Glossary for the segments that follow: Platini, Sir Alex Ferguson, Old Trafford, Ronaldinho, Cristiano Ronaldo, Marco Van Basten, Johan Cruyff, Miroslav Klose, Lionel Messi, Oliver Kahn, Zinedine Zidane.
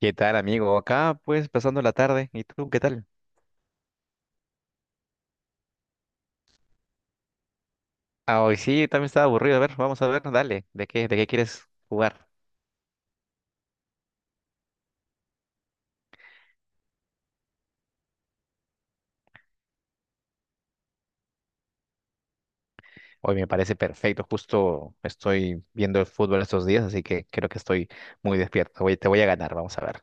¿Qué tal, amigo? Acá, pues, pasando la tarde. ¿Y tú, qué tal? Ah, hoy sí, también estaba aburrido. A ver, vamos a ver, dale. ¿De qué quieres jugar? Hoy me parece perfecto. Justo estoy viendo el fútbol estos días, así que creo que estoy muy despierto. Te voy a ganar, vamos a ver.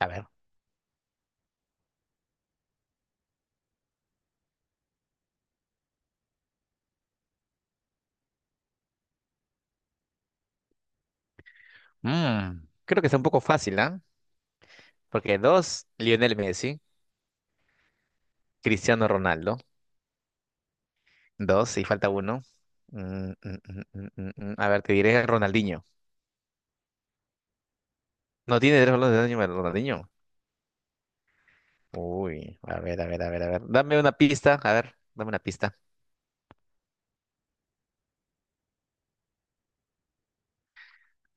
A ver. Creo que está un poco fácil, ¿ah? Porque dos, Lionel Messi, Cristiano Ronaldo. Dos, y falta uno. Mm. A ver, te diré Ronaldinho. No tiene tres balones de daño, Ronaldinho. Uy, a ver, a ver, a ver, a ver. Dame una pista, a ver, dame una pista.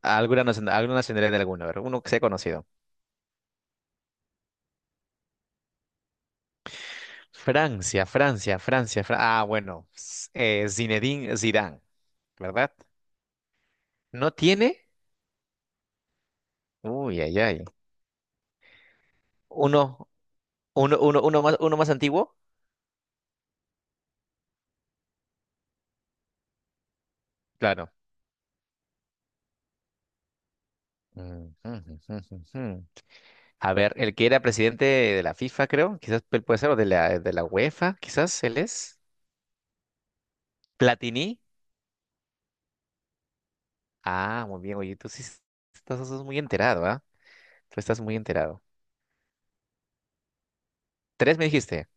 Alguna nacionalidad de alguno, a ver, uno que sea conocido. Francia, Francia, Francia, Ah, bueno, Zinedine Zidane, ¿verdad? ¿No tiene? Uy, ay, ay. Uno, uno más, uno más antiguo, claro. Mm, mm, mm, mm, mm. mm. A ver, el que era presidente de la FIFA, creo, quizás él puede ser, o de la UEFA, quizás él es. Platini. Ah, muy bien, oye, tú sí estás muy enterado, ¿ah? Tú estás muy enterado. Tres me dijiste.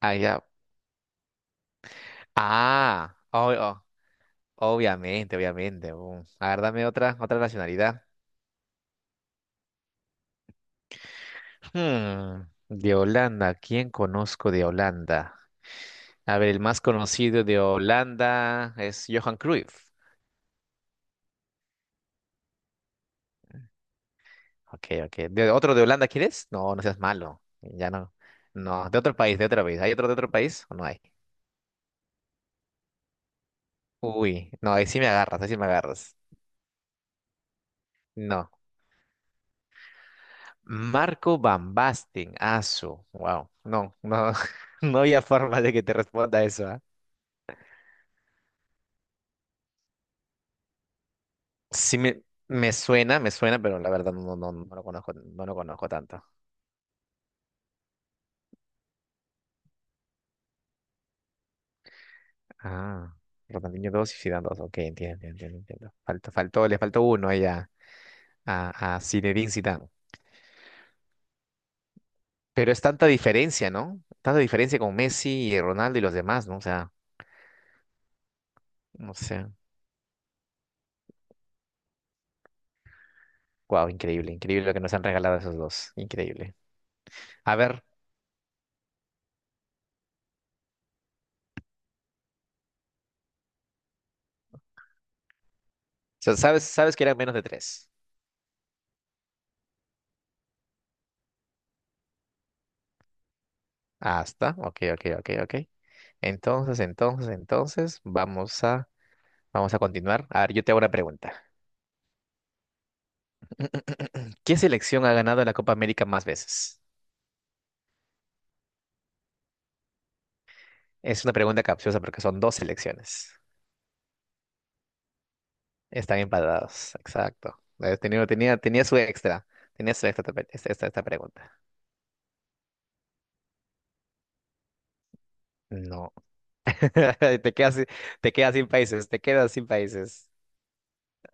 Ah, ya. Ah, oh, oh, obviamente, obviamente. A ver, dame otra nacionalidad. Hmm, de Holanda, ¿quién conozco de Holanda? A ver, el más conocido de Holanda es Johan Cruyff. Ok, ok. ¿De otro de Holanda quieres? No, no seas malo. Ya no. No, de otro país, de otro país. ¿Hay otro de otro país o no hay? Uy, no, ahí sí me agarras, ahí sí me agarras. No. Marco Van Basten, aso. Wow. No, no, no había forma de que te responda eso, ¿ah? Sí me suena, me suena, pero la verdad no lo conozco, no lo conozco tanto. Ah, Ronaldinho 2 y Zidane dos, ok, entiendo, entiendo, entiendo. Le faltó uno ahí a Zinedine Zidane. Pero es tanta diferencia, ¿no? Tanta diferencia con Messi y Ronaldo y los demás, ¿no? O sea, no sé. Wow, increíble, increíble lo que nos han regalado esos dos. Increíble. A ver, o sea, sabes que eran menos de tres. Hasta, ok, ok, ok, ok. Entonces, vamos a continuar. A ver, yo te hago una pregunta. ¿Qué selección ha ganado la Copa América más veces? Es una pregunta capciosa porque son dos selecciones. Están empatados, exacto. Tenía su extra. Tenía su extra esta pregunta. No. Te quedas, sin- te quedas sin países, te quedas sin países.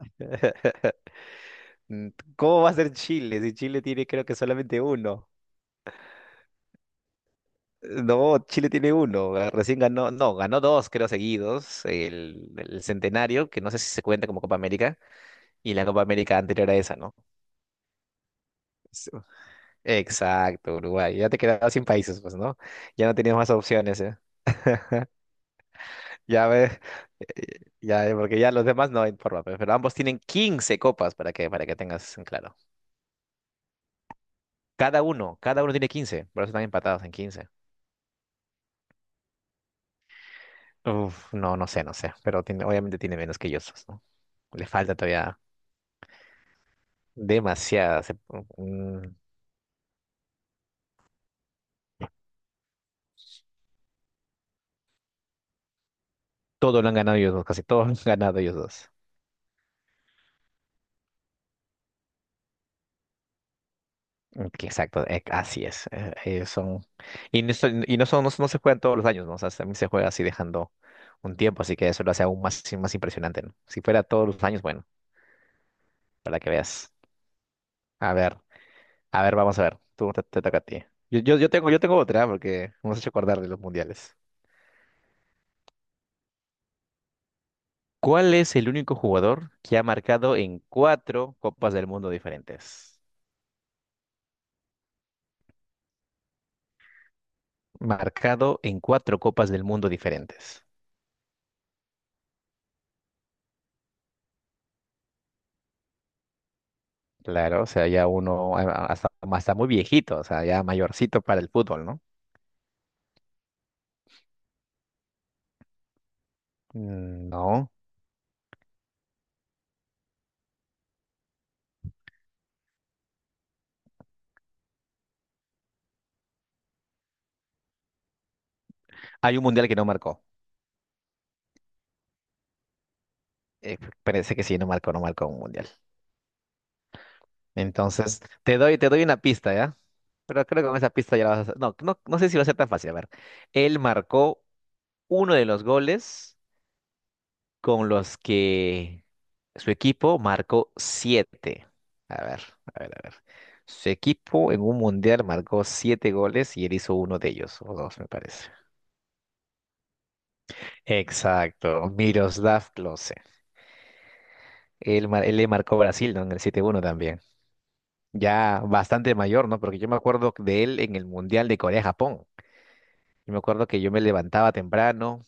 Mm, ¿Cómo va a ser Chile? Si Chile tiene creo que solamente uno. No, Chile tiene uno, recién ganó, no, ganó dos, creo, seguidos, el centenario, que no sé si se cuenta como Copa América, y la Copa América anterior a esa, ¿no? Sí. Exacto, Uruguay, ya te quedabas sin países, pues, ¿no? Ya no tenías más opciones, ¿eh? Ya ves, ya, porque ya los demás no hay forma, pero ambos tienen 15 copas, para que tengas en claro. Cada uno tiene 15, por eso están empatados en 15. Uf, no, no sé, no sé, pero obviamente tiene menos que ellos, ¿no? Le falta todavía. Demasiadas. Mm, Todo lo han ganado ellos dos, casi todos lo han ganado ellos dos. Ok, exacto, así es. Ellos son. Y no son, no se juegan todos los años, ¿no? O sea, también se juega así dejando un tiempo, así que eso lo hace aún más, sí, más impresionante, ¿no? Si fuera todos los años, bueno, para que veas. A ver, a ver, vamos a ver. Tú te toca a ti. Yo tengo otra, porque hemos hecho acordar de los mundiales. ¿Cuál es el único jugador que ha marcado en cuatro Copas del Mundo diferentes? Marcado en cuatro copas del mundo diferentes. Claro, o sea, ya uno hasta muy viejito, o sea, ya mayorcito para el fútbol, ¿no? Mm, no. Hay un mundial que no marcó. Eh, Parece que sí, no marcó, no marcó un mundial. Entonces, te doy una pista, ¿ya? Pero creo que con esa pista ya la vas a. No, no, no sé si va a ser tan fácil. A ver, él marcó uno de los goles con los que su equipo marcó siete. A ver, a ver, a ver. Su equipo en un mundial marcó 7 goles y él hizo uno de ellos, o dos, me parece. Exacto, Miroslav Klose. Él le marcó a Brasil, ¿no? En el 7-1 también. Ya bastante mayor, ¿no? Porque yo me acuerdo de él en el Mundial de Corea-Japón. Yo me acuerdo que yo me levantaba temprano,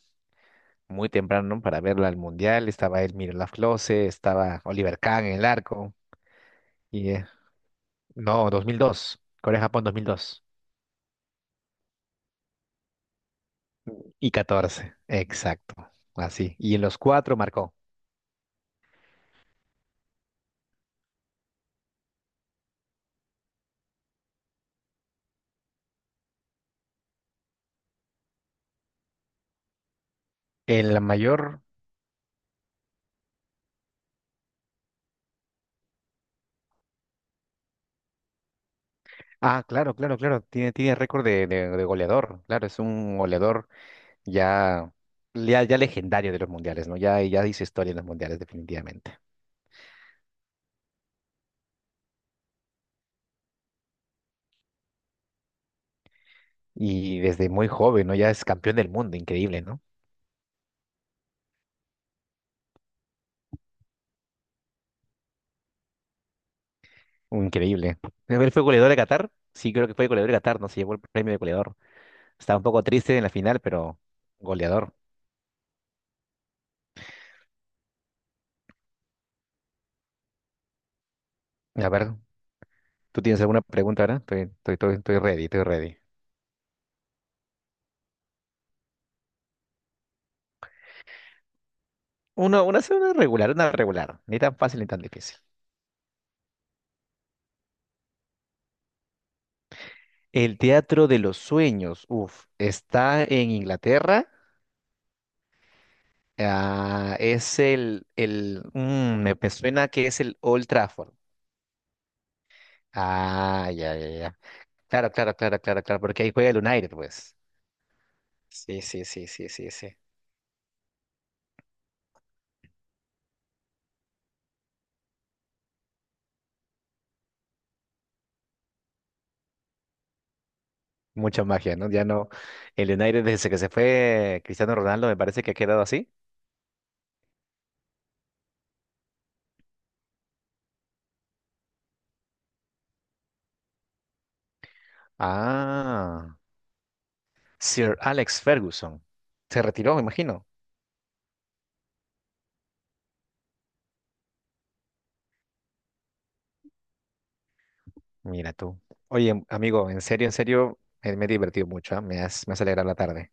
muy temprano, para verlo al Mundial. Estaba él, Miroslav Klose, estaba Oliver Kahn en el arco. Y eh, No, 2002. Corea-Japón 2002. Y 14. Exacto. Así. Y en los cuatro marcó. El mayor. Ah, claro, claro, claro. Tiene récord de goleador. Claro, es un goleador ya, ya legendario de los mundiales, ¿no? Ya dice historia en los mundiales, definitivamente. Y desde muy joven, ¿no? Ya es campeón del mundo. Increíble, ¿no? Increíble. Él fue goleador de Qatar. Sí, creo que fue goleador de Qatar, ¿no? Se llevó el premio de goleador. Estaba un poco triste en la final, pero goleador. A ver. ¿Tú tienes alguna pregunta ahora? Estoy ready, estoy ready. Una, sí, una regular, una regular. Ni tan fácil ni tan difícil. El Teatro de los Sueños, uf, está en Inglaterra. Ah, es el me suena que es el Old Trafford. Ah, ya, ya, ya. Claro, claro, claro, claro, claro, porque ahí juega el United, pues. Sí, sí, sí, sí, sí, sí. Mucha magia, ¿no? Ya no. El United desde que se fue Cristiano Ronaldo me parece que ha quedado así. Ah. Sir Alex Ferguson. Se retiró, me imagino. Mira tú. Oye, amigo, en serio, me he divertido mucho, ¿ah? Me has alegrado la tarde.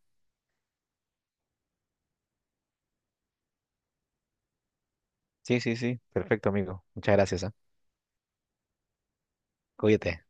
Sí, sí, sí. Perfecto, amigo. Muchas gracias, ¿ah? Cuídate.